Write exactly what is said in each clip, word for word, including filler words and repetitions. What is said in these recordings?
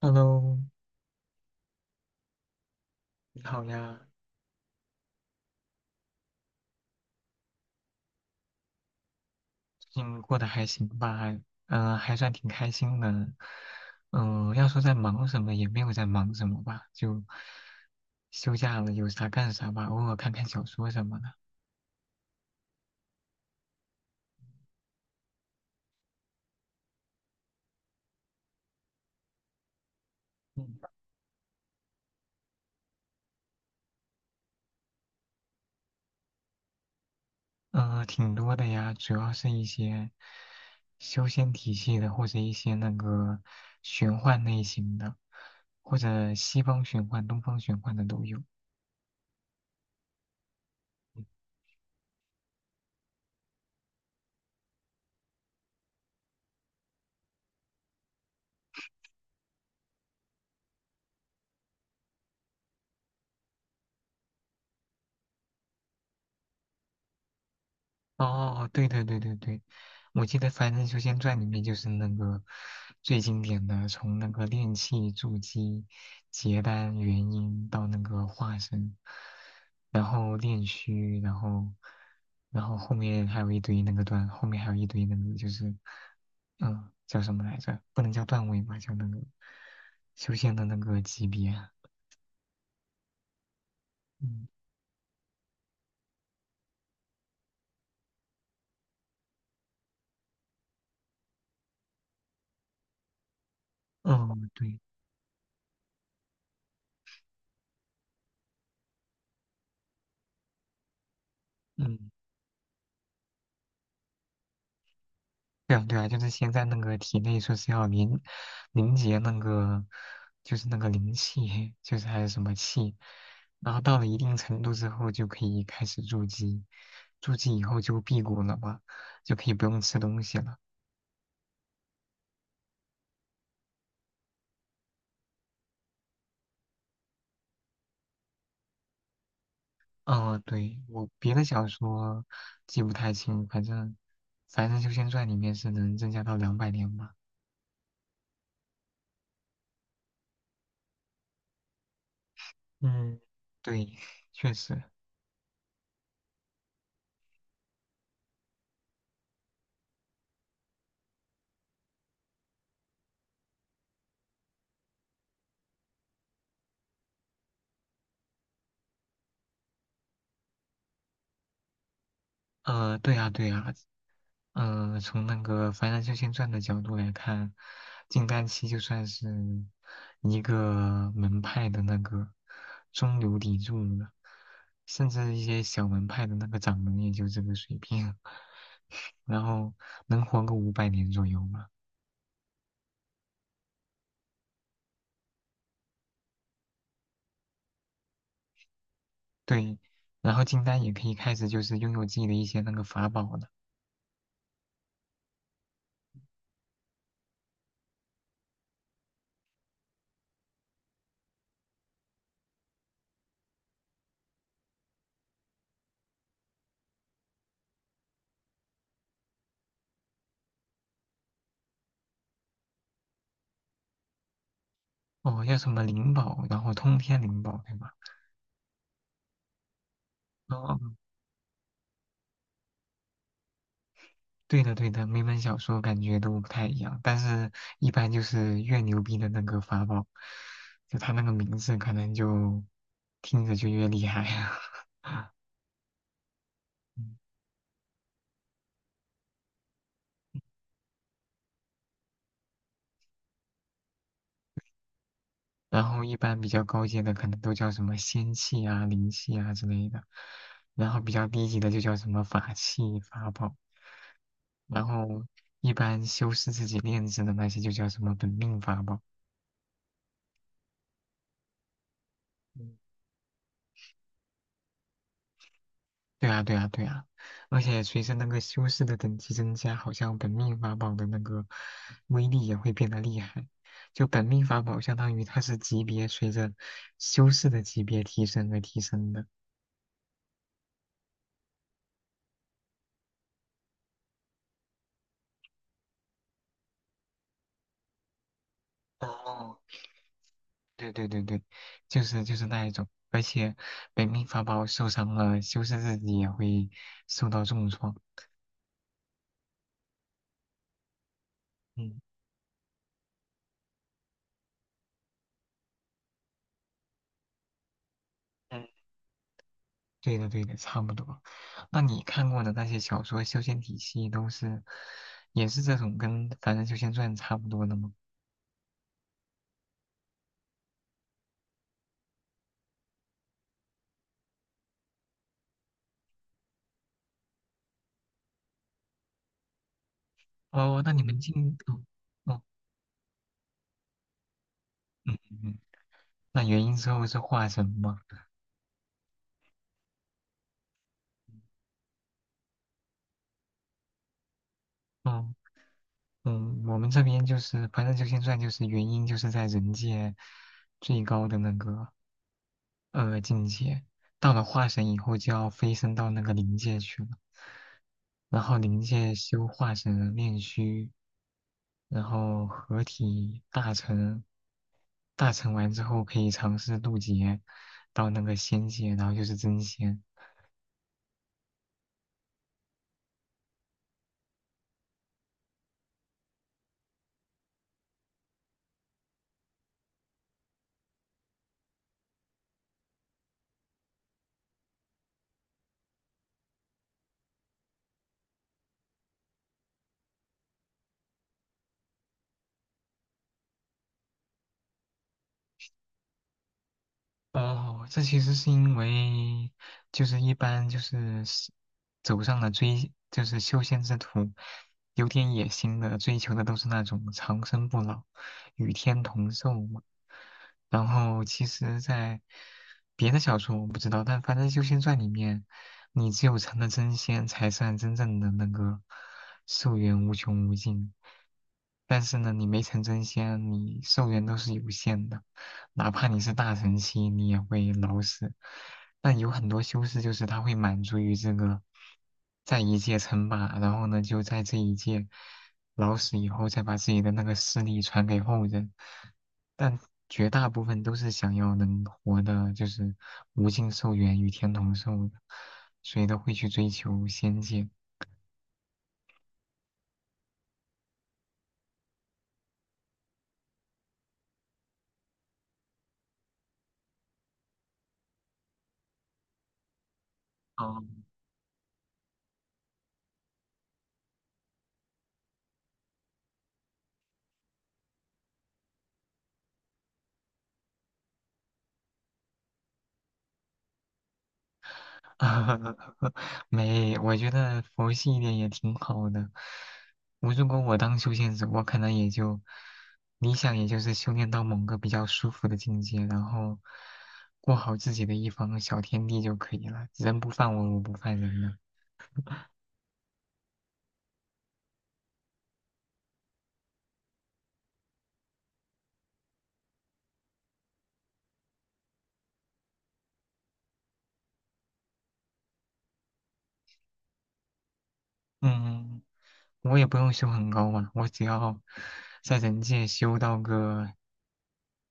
Hello，你好呀，最近过得还行吧？嗯，还算挺开心的。嗯、要说在忙什么，也没有在忙什么吧，就休假了，有啥干啥吧，偶尔看看小说什么的。嗯，呃，挺多的呀，主要是一些修仙体系的，或者一些那个玄幻类型的，或者西方玄幻、东方玄幻的都有。哦，对对对对对，我记得《凡人修仙传》里面就是那个最经典的，从那个炼气筑基、结丹元婴到那个化身，然后炼虚，然后然后后面还有一堆那个段，后面还有一堆那个就是嗯叫什么来着？不能叫段位吧，叫那个修仙的那个级别啊。嗯，哦，对，嗯。对啊，对啊，就是先在那个体内说是要凝凝结那个，就是那个灵气，就是还是什么气，然后到了一定程度之后就可以开始筑基，筑基以后就辟谷了嘛，就可以不用吃东西了。嗯，对，我别的小说记不太清，反正反正《修仙传》里面是能增加到两百年吧。嗯，对，确实。呃，对啊，对啊。嗯，呃从那个《凡人修仙传》的角度来看，金丹期就算是一个门派的那个中流砥柱了，甚至一些小门派的那个掌门也就这个水平，然后能活个五百年左右嘛。对，然后金丹也可以开始就是拥有自己的一些那个法宝了，哦，叫什么灵宝，然后通天灵宝，对吧？哦，对的，对的，每本小说感觉都不太一样，但是一般就是越牛逼的那个法宝，就他那个名字可能就听着就越厉害啊。嗯然后一般比较高阶的可能都叫什么仙气啊、灵气啊之类的，然后比较低级的就叫什么法器、法宝，然后一般修饰自己炼制的那些就叫什么本命法宝。对啊，对啊，对啊，而且随着那个修士的等级增加，好像本命法宝的那个威力也会变得厉害。就本命法宝相当于它是级别随着修士的级别提升而提升的。哦，对对对对，就是就是那一种，而且本命法宝受伤了，修士自己也会受到重创。嗯对的，对的，差不多。那你看过的那些小说修仙体系都是，也是这种跟《凡人修仙传》差不多的吗？哦，那你们进，哦，哦，嗯嗯嗯，那元婴之后是化神吗？哦，嗯，我们这边就是《凡人修仙传》，就是元婴就是在人界最高的那个呃境界，到了化神以后就要飞升到那个灵界去了，然后灵界修化神炼虚。然后合体大成，大成完之后可以尝试渡劫到那个仙界，然后就是真仙。哦，这其实是因为，就是一般就是是走上了追，就是修仙之途，有点野心的，追求的都是那种长生不老、与天同寿嘛。然后其实，在别的小说我不知道，但反正《修仙传》里面，你只有成了真仙，才算真正的那个寿元无穷无尽。但是呢，你没成真仙，你寿元都是有限的，哪怕你是大成期，你也会老死。但有很多修士就是他会满足于这个，在一界称霸，然后呢就在这一界老死以后，再把自己的那个势力传给后人。但绝大部分都是想要能活的，就是无尽寿元与天同寿的，所以都会去追求仙界。哦 没，我觉得佛系一点也挺好的。我如果我当修仙者，我可能也就理想，也就是修炼到某个比较舒服的境界，然后过好自己的一方小天地就可以了。人不犯我，我不犯人了。嗯，我也不用修很高嘛，我只要在人界修到个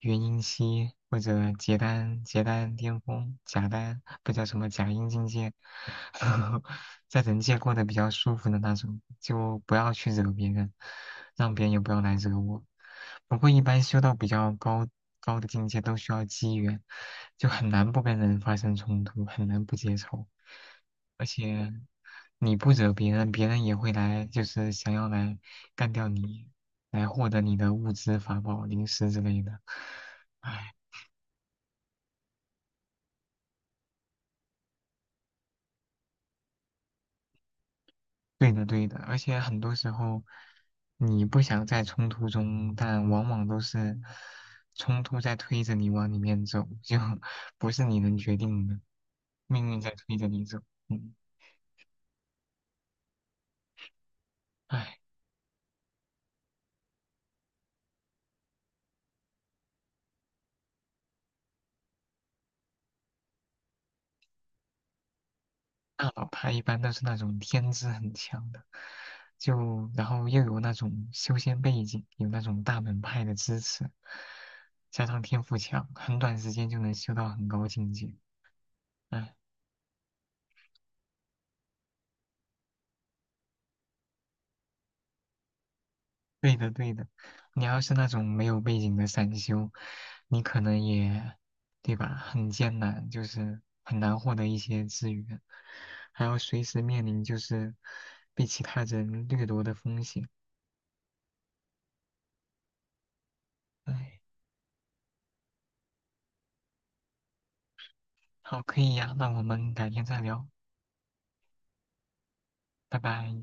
元婴期或者结丹结丹巅峰假丹，不叫什么假阴境界，在人界过得比较舒服的那种，就不要去惹别人，让别人也不要来惹我。不过一般修到比较高高的境界都需要机缘，就很难不跟人发生冲突，很难不结仇。而且你不惹别人，别人也会来，就是想要来干掉你，来获得你的物资、法宝、零食之类的。唉，对的对的，而且很多时候你不想在冲突中，但往往都是冲突在推着你往里面走，就 不是你能决定的，命运在推着你走。嗯，唉。大佬派一般都是那种天资很强的，就然后又有那种修仙背景，有那种大门派的支持，加上天赋强，很短时间就能修到很高境界。哎，对的对的，你要是那种没有背景的散修，你可能也，对吧？很艰难，就是很难获得一些资源，还要随时面临就是被其他人掠夺的风险。哎，好，可以呀，那我们改天再聊。拜拜。